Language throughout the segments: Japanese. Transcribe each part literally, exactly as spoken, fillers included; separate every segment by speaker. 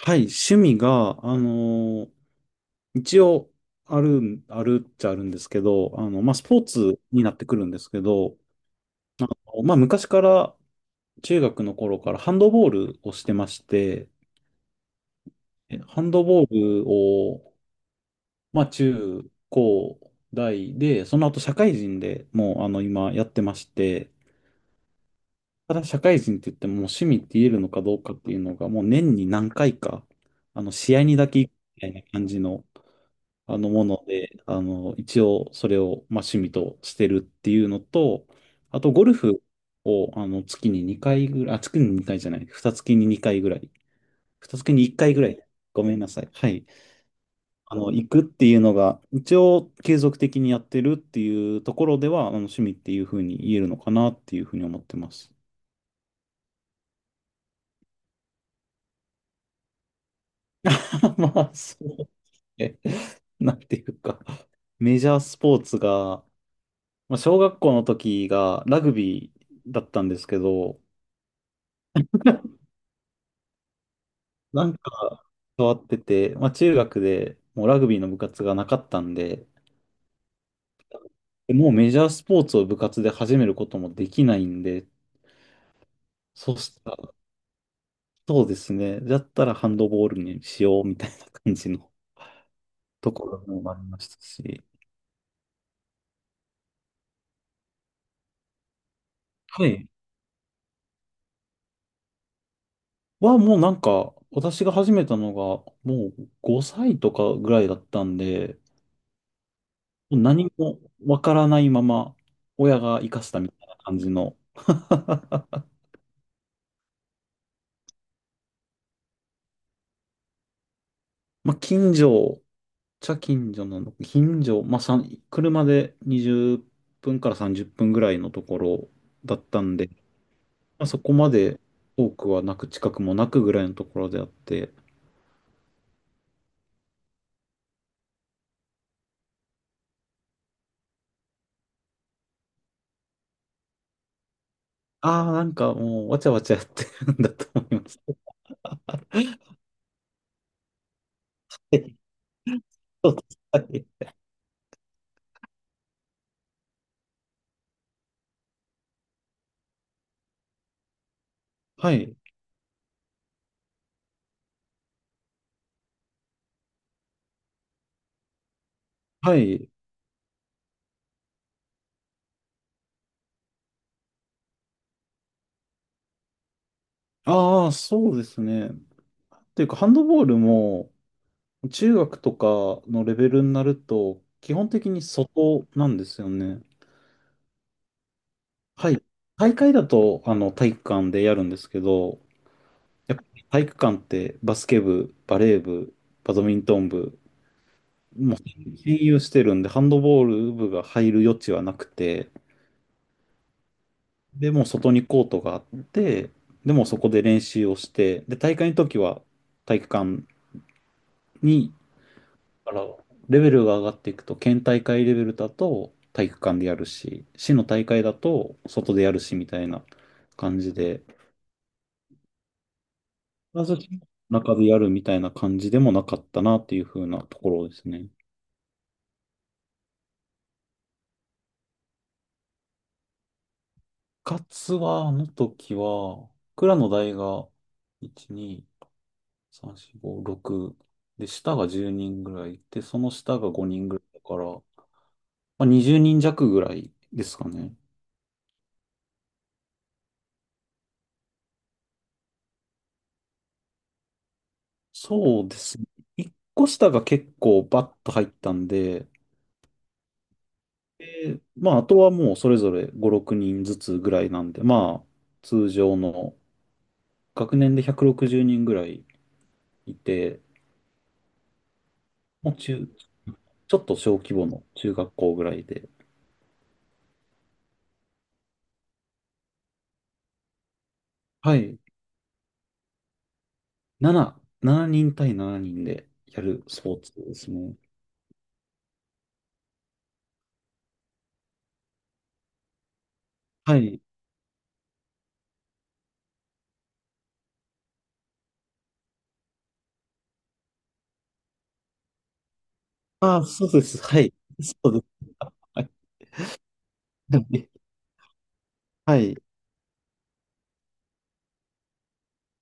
Speaker 1: はい、趣味が、あのー一応、あるん、あるっちゃあるんですけど、あの、まあ、スポーツになってくるんですけど、あの、まあ、昔から、中学の頃からハンドボールをしてまして、えハンドボールを、まあ、中高大で、その後社会人でもう、あの、今やってまして、ただ社会人って言っても、もう趣味って言えるのかどうかっていうのが、もう年に何回か、あの、試合にだけ行くみたいな感じの、あのもので、あの、一応それを、まあ、趣味としてるっていうのと、あとゴルフを、あの、月ににかいぐらい、あ、月ににかいじゃない、二月ににかいぐらい、二月にいっかいぐらい、ごめんなさい。はい。あの、行くっていうのが、一応継続的にやってるっていうところでは、あの、趣味っていうふうに言えるのかなっていうふうに思ってます。まあ、そう。えなんていうか、メジャースポーツが、まあ、小学校の時がラグビーだったんですけど、なんか変わってて、まあ、中学でもうラグビーの部活がなかったんで、でもうメジャースポーツを部活で始めることもできないんで、そうしたら、そうですね、だったらハンドボールにしようみたいな感じのところもありましたし、はい。はもうなんか、私が始めたのがもうごさいとかぐらいだったんで、もう何もわからないまま、親が生かしたみたいな感じの、まあ、近所、茶近所なの、近所、まあ、さん車でにじゅっぷんからさんじゅっぷんぐらいのところだったんで、まあ、そこまで多くはなく、近くもなくぐらいのところであって。ああ、なんかもう、わちゃわちゃやってるんだと思います。そうですはい。はい。はい。ああ、そうですね。というか、ハンドボールも、中学とかのレベルになると、基本的に外なんですよね。はい。大会だと、あの、体育館でやるんですけど、やっぱり体育館ってバスケ部、バレー部、バドミントン部、もう占有してるんで、ハンドボール部が入る余地はなくて、でもう外にコートがあって、でもうそこで練習をして、で、大会の時は体育館に。だから、レベルが上がっていくと、県大会レベルだと体育館でやるし、市の大会だと外でやるしみたいな感じで、まず中でやるみたいな感じでもなかったなっていう風なところですね。部活は、あの時は、蔵の代がいち、に、さん、よん、ご、ろく、で、下がじゅうにんぐらいいて、その下がごにんぐらいだから、まあ、にじゅうにん弱ぐらいですかね。そうですね。一個下が結構バッと入ったんで、でまあ、あとはもうそれぞれご、ろくにんずつぐらいなんで、まあ、通常の学年でひゃくろくじゅうにんぐらいいて、もう中、ちょっと小規模の中学校ぐらいで、はい、なな、しちにん対しちにんでやるスポーツですね。はい。ああ、そうです。はい。そうです。はい。はい。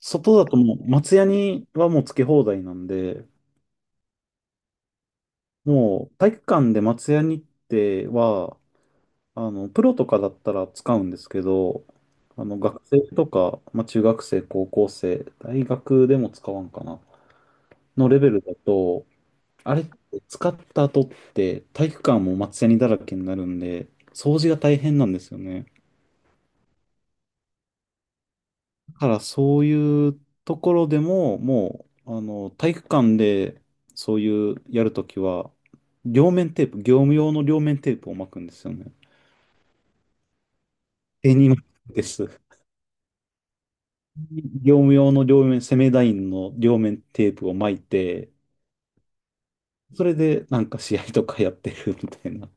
Speaker 1: 外だともう、松屋にはもうつけ放題なんで、もう体育館で松ヤニっては、あの、プロとかだったら使うんですけど、あの、学生とか、まあ、中学生、高校生、大学でも使わんかな、のレベルだと、あれって使った後って体育館も松ヤニだらけになるんで、掃除が大変なんですよね。だからそういうところでも、もう、あの、体育館でそういうやるときは、両面テープ、業務用の両面テープを巻くんですよね。デニムです。業務用の両面、セメダインの両面テープを巻いて、それでなんか試合とかやってるみたいな。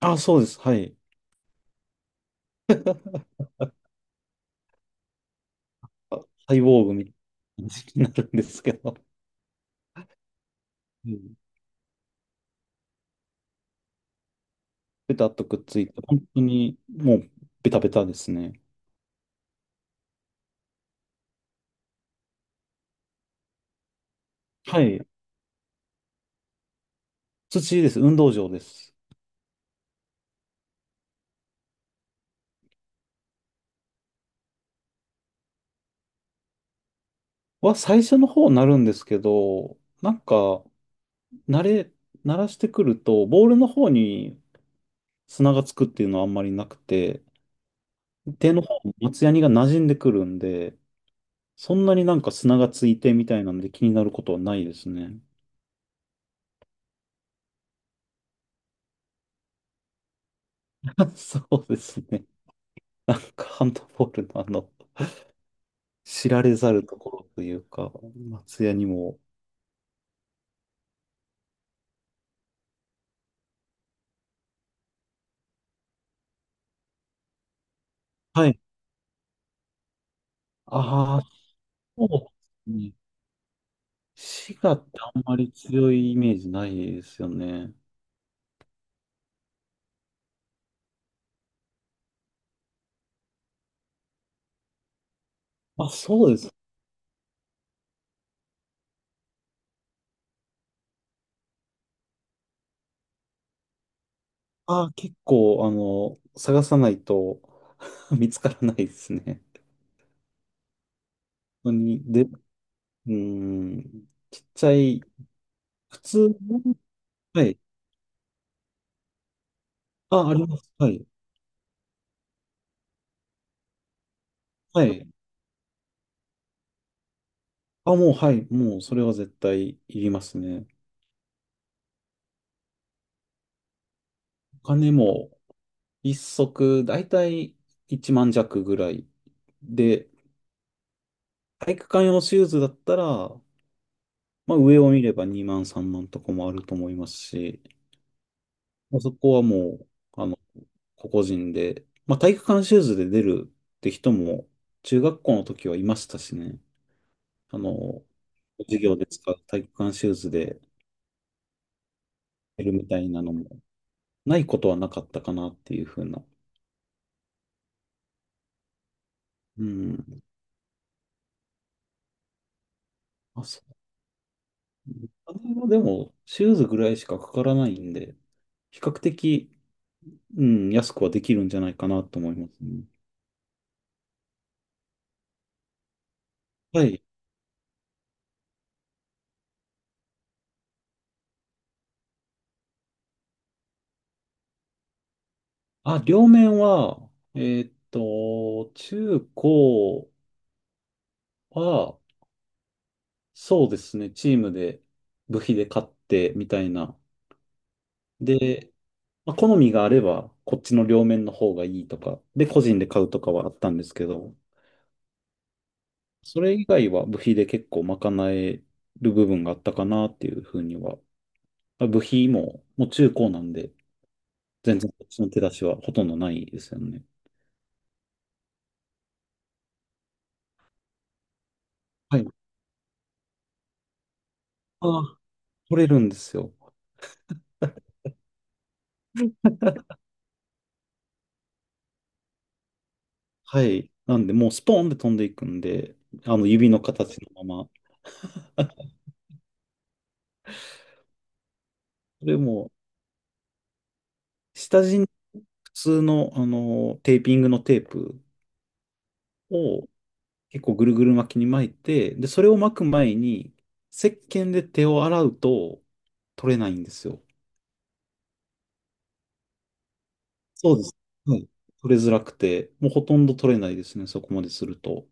Speaker 1: あ、そうです。はい。あ、サイボーグみたいな感じになるんですけど。うん。ベタっとくっついて、本当にもうベタベタですね。はい。土です。運動場です。は最初の方になるんですけど、なんか、慣れ、慣らしてくると、ボールの方に砂がつくっていうのはあんまりなくて、手の方も松ヤニが馴染んでくるんで、そんなになんか砂がついてみたいなんで気になることはないですね。そうですね。なんかハンドボールのあの、知られざるところというか、松屋にも。はい。ああ、そうですね。滋賀ってあんまり強いイメージないですよね。あ、そうです。ああ、結構、あの、探さないと 見つからないですね。本当に、で、うーん、ちっちゃい、普通、はい。あ、あります。はい。はい。あ、もう、はい。もう、それは絶対いりますね。お金も、一足、だいたいいちまん弱ぐらい。で、体育館用のシューズだったら、まあ、上を見ればにまん、さんまんとかもあると思いますし、まあそこはもう、あの、個々人で、まあ、体育館シューズで出るって人も、中学校の時はいましたしね。あの、授業で使う体育館シューズで出るみたいなのも。ないことはなかったかなっていうふうな。うん。あ、そう。お金はでも、シューズぐらいしかかからないんで、比較的、うん、安くはできるんじゃないかなと思いますね。はい。あ、両面は、えーっと、中高は、そうですね、チームで部費で買ってみたいな。で、まあ、好みがあれば、こっちの両面の方がいいとか、で、個人で買うとかはあったんですけど、それ以外は部費で結構賄える部分があったかなっていうふうには。まあ部費も、もう中高なんで、全然こっちの手出しはほとんどないですよね。はい。ああ、取れるんですよ。はい。なんで、もうスポーンで飛んでいくんで、あの指の形のまま。それも、下地に普通の、あの、テーピングのテープを結構ぐるぐる巻きに巻いて、で、それを巻く前に、石鹸で手を洗うと取れないんですよ。そうです。うん。取れづらくて、もうほとんど取れないですね、そこまですると。